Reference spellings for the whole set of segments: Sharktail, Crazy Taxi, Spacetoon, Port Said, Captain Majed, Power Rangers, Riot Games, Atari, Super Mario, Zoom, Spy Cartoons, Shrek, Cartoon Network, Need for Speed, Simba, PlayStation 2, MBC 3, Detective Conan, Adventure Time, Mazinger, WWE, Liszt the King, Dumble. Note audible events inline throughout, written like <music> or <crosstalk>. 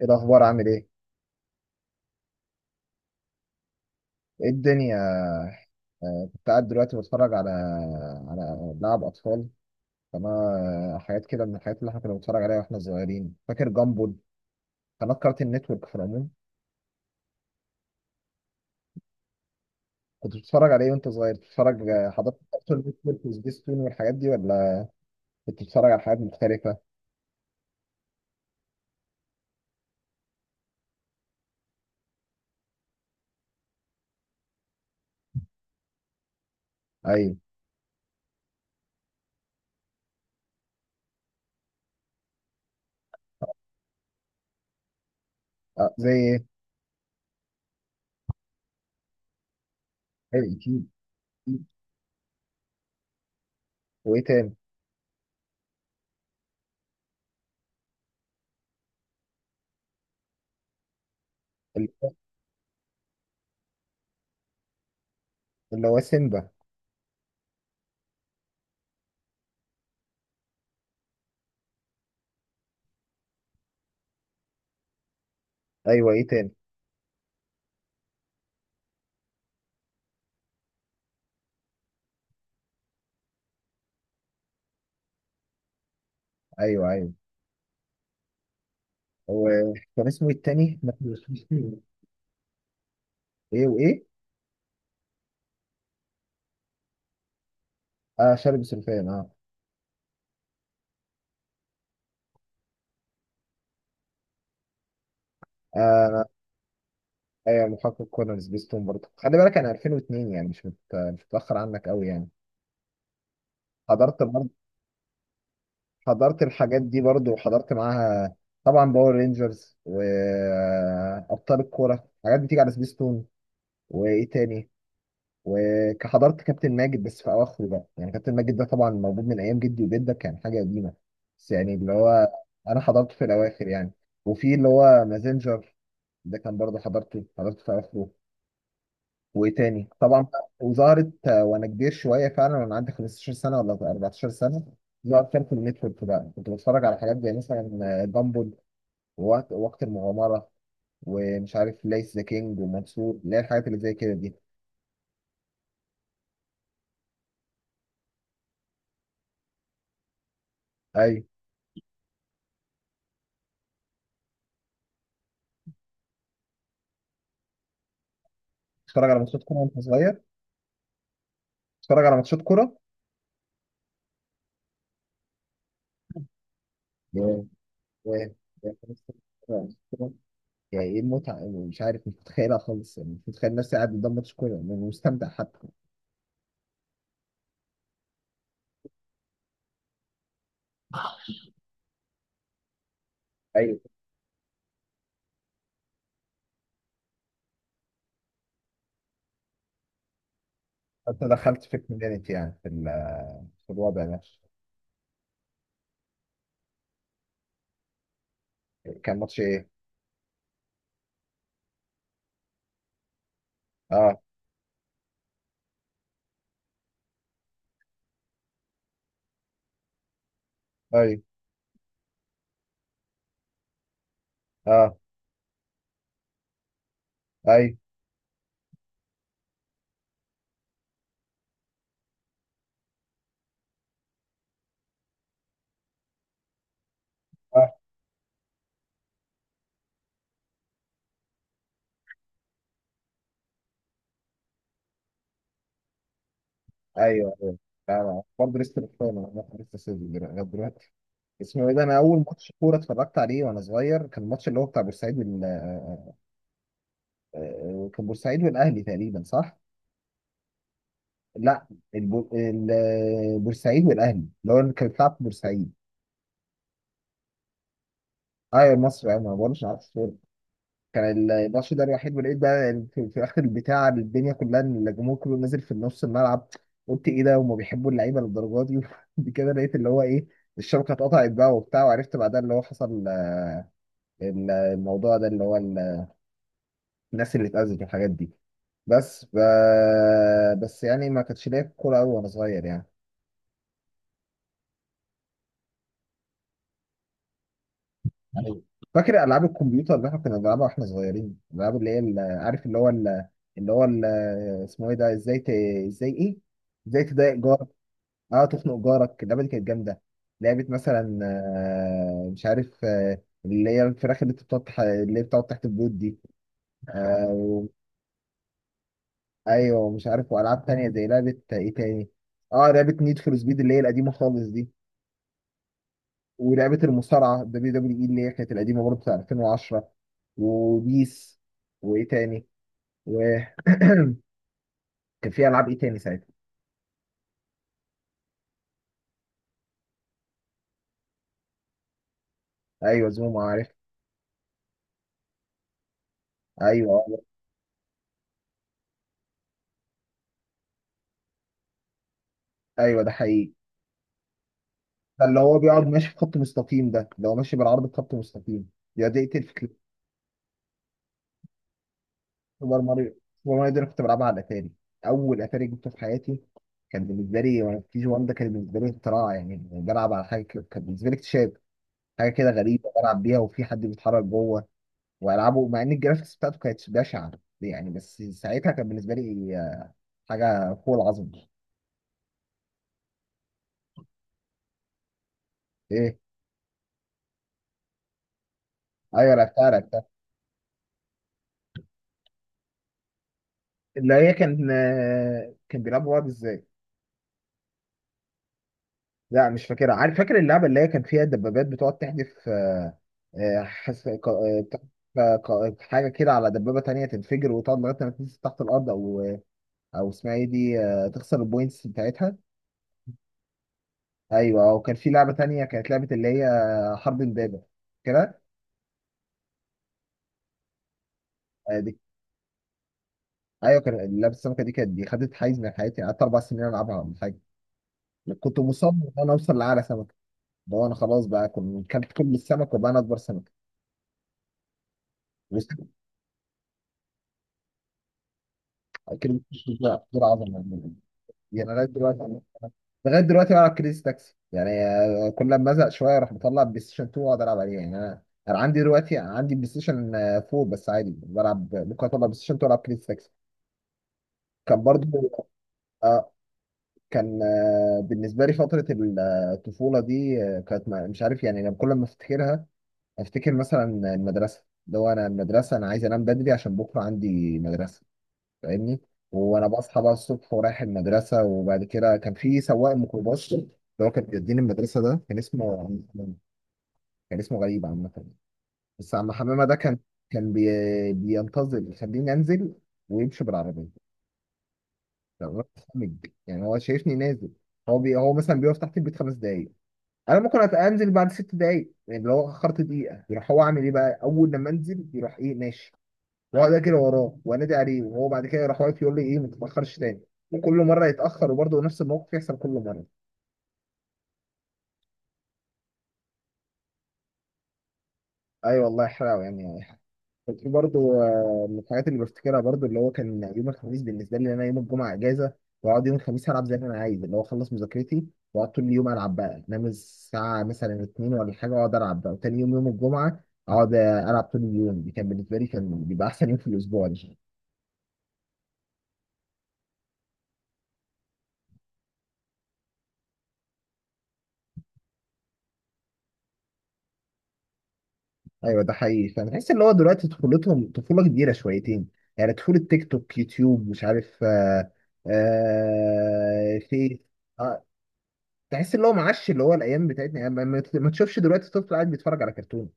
ايه الاخبار؟ عامل ايه؟ ايه الدنيا؟ كنت قاعد دلوقتي بتفرج على لعب اطفال، قناه. حاجات كده من الحاجات اللي احنا كنا بنتفرج عليها واحنا صغيرين، فاكر جامبول؟ قناه كارتين نتورك في العموم. كنت بتتفرج على ايه وانت صغير؟ بتتفرج حضرتك كارتين نتورك وسبيستون والحاجات دي ولا كنت بتتفرج على حاجات مختلفه؟ ايوه، أه زي ايه؟ ايوه اكيد، أكيد. وايه تاني؟ اللي هو، اللي هو سيمبا. ايوه، ايه تاني؟ ايوه ايوه. هو كان اسمه إيه التاني؟ ايه وايه؟ اه شارب سلفان اه. آه، ايوه محقق كونان، سبيستون برضه، خلي بالك انا 2002، يعني مش متاخر عنك قوي يعني. حضرت برضه، حضرت الحاجات دي برضه، وحضرت معاها طبعا باور رينجرز وابطال الكوره، حاجات بتيجي على سبيستون. وايه تاني؟ وحضرت كابتن ماجد بس في اواخره بقى، يعني كابتن ماجد ده طبعا موجود من ايام جدي وجدك، كان حاجه قديمه، بس يعني اللي هو انا حضرته في الاواخر يعني. وفي اللي هو مازنجر، ده كان برضه حضرته، في اواخره. وايه تاني طبعا؟ وظهرت وانا كبير شويه فعلا، وانا عندي 15 سنه ولا 14 سنه، ظهرت كان في النتورك بقى، كنت بتفرج على حاجات زي مثلا دامبل، ووقت وقت المغامره، ومش عارف ليس ذا كينج ومنصور، اللي هي الحاجات اللي زي كده دي. ايوه. بتتفرج على ماتشات كوره وانت صغير؟ بتتفرج على ماتشات كوره؟ يا يا يا يعني ايه المتعه؟ يعني مش عارف، مش متخيلها خالص، يعني مش متخيل نفسي قاعد قدام ماتش كوره يعني مستمتع حتى. ايوه، حتى دخلت في الكوميونتي يعني، في في الوضع ده. كان ماتش ايه؟ اه. اي. اه. اي. اه. ايوه ايوه. لا، لا، برضه لسه بتفاهم، انا لسه سيدي لغايه دلوقتي. اسمه ايه ده؟ انا اول ماتش كوره اتفرجت عليه وانا صغير، كان الماتش اللي هو بتاع بورسعيد وال آه، كان بورسعيد والاهلي تقريبا، صح؟ لا، بورسعيد والاهلي، اللي هو اللي كان بيلعب في بورسعيد. ايوه مصر، انا ما بقولش عارف. كان الماتش ده الوحيد، ولقيت بقى في اخر البتاع الدنيا كلها، إن الجمهور كله نازل في نص الملعب. قلت ايه ده؟ هما بيحبوا اللعيبه للدرجه دي؟ <laughs> وبعد كده لقيت اللي هو ايه، الشبكه اتقطعت بقى وبتاع، وعرفت بعدها اللي هو حصل، الموضوع ده اللي هو الناس اللي اتأذت والحاجات دي. بس ف... بس يعني ما كانتش ليا كوره قوي وانا صغير يعني. أيوة. فاكر العاب الكمبيوتر اللي احنا كنا بنلعبها واحنا صغيرين؟ الالعاب اللي هي عارف اللي هو اللي هو ال- اسمه ايه ده؟ ازاي ت... ازاي ايه ازاي تضايق جارك؟ اه تخنق جارك، اللعبه دي كانت جامده. لعبه مثلا مش عارف، اللي هي الفراخ اللي انت اللي هي بتقعد تحت البيوت دي، آه، و- ايوه مش عارف. والعاب تانية زي لعبه ايه تاني؟ اه لعبه نيد فور سبيد، اللي هي القديمه خالص دي. ولعبه المصارعه دبليو دبليو اي، اللي هي كانت القديمه برضه بتاع 2010. وبيس. وايه تاني؟ و <clears throat> كان في العاب ايه تاني ساعتها؟ ايوه زوم، عارف. ايوه. ايوه ده حقيقي. ده اللي هو بيقعد ماشي في خط مستقيم، ده اللي هو ماشي بالعرض في خط مستقيم، بيقعد يقتل في كليب. سوبر ماريو، ده انا كنت بلعبها على الاتاري. اول اتاري جبته في حياتي كان بالنسبه لي وانا في كي جي 1، ده كان بالنسبه لي اختراع، يعني بلعب على كان بالنسبه لي اكتشاف، حاجه كده غريبه بلعب بيها وفي حد بيتحرك جوه والعابه، مع ان الجرافيكس بتاعته كانت بشعه يعني، بس ساعتها كان بالنسبه لي حاجه فوق العظم. ايه؟ ايوه لعبتها، اللي هي كان كان بيلعبوا بعض ازاي. لا مش فاكرها، عارف فاكر اللعبه اللي هي كان فيها دبابات بتقعد تحدف، آه، آه، حس... ك- آه، بتاع- ك- ك- حاجه كده على دبابه تانية تنفجر، وتقعد لغايه ما تنزل تحت الارض او او اسمها ايه دي، تخسر البوينتس بتاعتها. ايوه، وكان في لعبه تانية، كانت لعبه اللي هي حرب البابا كده. ايوه، كان لعبه السمكه دي، كانت دي خدت حيز من حياتي، قعدت اربع سنين العبها ولا حاجه، كنت مصمم ان انا اوصل لاعلى سمكه، اللي هو انا خلاص بقى كنت كلت كل السمك وبقى انا اكبر سمكه. بس كده. مش بقى كتير عظمه يعني، لغايه دلوقتي، بلعب كريزي تاكسي يعني، كل ما ازهق شويه اروح مطلع بلاي ستيشن 2 واقعد العب عليه، يعني انا عندي دلوقتي، عندي بلاي ستيشن 4، بس عادي بلعب، ممكن اطلع بلاي ستيشن 2 والعب كريزي تاكسي. كان برضو آه، كان آه، بالنسبه لي فتره الطفوله دي، آه، كانت ما- مش عارف يعني، انا كل ما افتكرها افتكر مثلا المدرسه، اللي هو انا المدرسه انا عايز انام بدري عشان بكره عندي مدرسه، فاهمني؟ وانا بصحى بقى الصبح ورايح المدرسه، وبعد كده كان في سواق ميكروباص اللي هو كان بيوديني المدرسه، ده كان كان اسمه غريب عامه، بس عم حمامه ده كان كان بي... بينتظر يخليني انزل ويمشي بالعربيه، فأنا ببقى خامج. يعني هو شايفني نازل، هو مثلا بيقف تحت البيت خمس دقايق، انا ممكن انزل بعد ست دقايق، يعني لو اخرت دقيقه يروح، هو عامل ايه بقى؟ اول لما انزل يروح، ايه ماشي، واقعد اجري وراه وانادي عليه، وهو بعد كده يروح واقف يقول لي ايه ما تتاخرش تاني. وكل مره يتاخر، وبرضه نفس الموقف يحصل كل مره. اي والله حلو يعني. في برضه من الحاجات اللي بفتكرها برضه، اللي هو كان يوم الخميس بالنسبه لي، إن انا يوم الجمعه اجازه، واقعد يوم الخميس العب زي ما انا عايز، اللي هو اخلص مذاكرتي واقعد طول اليوم العب بقى، انام الساعه مثلا اتنين ولا حاجه واقعد العب بقى، وتاني يوم يوم الجمعه اقعد العب طول اليوم، دي كان بالنسبه لي كان بيبقى احسن يوم في الاسبوع دي. ايوه ده حقيقي، فانا بحس اللي هو دلوقتي طفولتهم طفوله كبيره شويتين، يعني طفوله تيك توك يوتيوب، مش عارف آه، آه فيس. آه، تحس اللي هو معاش اللي هو الايام بتاعتنا، يعني ما تشوفش دلوقتي طفل قاعد بيتفرج على كرتون،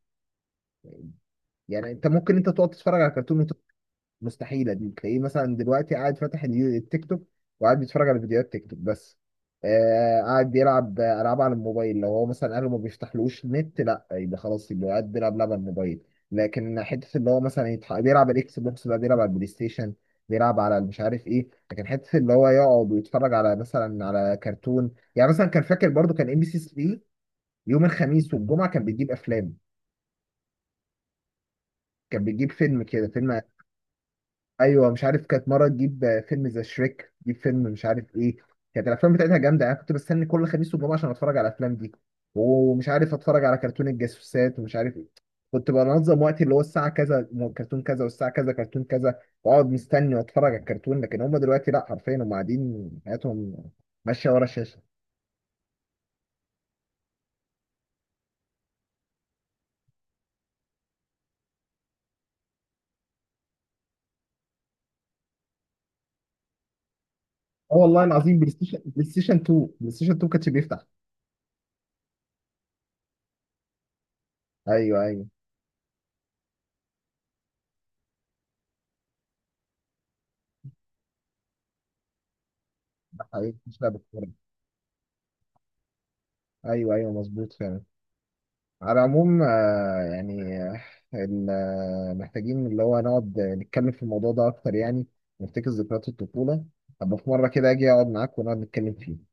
يعني انت ممكن انت تقعد تتفرج على كرتون وانت مستحيله دي، تلاقيه مثلا دلوقتي قاعد فاتح التيك توك، وقاعد بيتفرج على فيديوهات تيك توك بس، آه قاعد بيلعب العاب على الموبايل، لو هو مثلا اهله ما بيفتحلوش نت لا، يبقى خلاص يبقى قاعد بيلعب لعب على الموبايل، لكن حته اللي هو مثلا بيلعب الاكس بوكس بقى، بيلعب على البلاي ستيشن، بيلعب على مش عارف ايه، لكن حته اللي هو يقعد ويتفرج على مثلا على كرتون يعني. مثلا كان فاكر برضو كان ام بي سي 3 يوم الخميس والجمعه كان بيجيب افلام، كان بيجيب فيلم كده فيلم. ايوه مش عارف، كانت مره تجيب فيلم ذا شريك، تجيب فيلم مش عارف ايه، كانت الافلام بتاعتها جامده، انا كنت بستني كل خميس والجمعه عشان اتفرج على الافلام دي، ومش عارف اتفرج على كرتون الجاسوسات ومش عارف ايه، كنت بنظم وقتي، اللي هو الساعه كذا كرتون كذا، والساعه كذا كرتون كذا، واقعد مستني واتفرج على الكرتون، لكن هم دلوقتي لا، حرفيا هم قاعدين حياتهم ماشيه ورا الشاشه. اه والله العظيم، بلاي ستيشن، بلاي ستيشن 2 كانش بيفتح. ايوه ايوه ده حقيقي مش لعبه. ايوه ايوه مظبوط فعلا. على العموم محتاجين اللي هو نقعد نتكلم في الموضوع ده اكتر يعني، نفتكر ذكريات الطفوله، ابقى في مره كده اجي اقعد معاك ونقعد نتكلم فيه.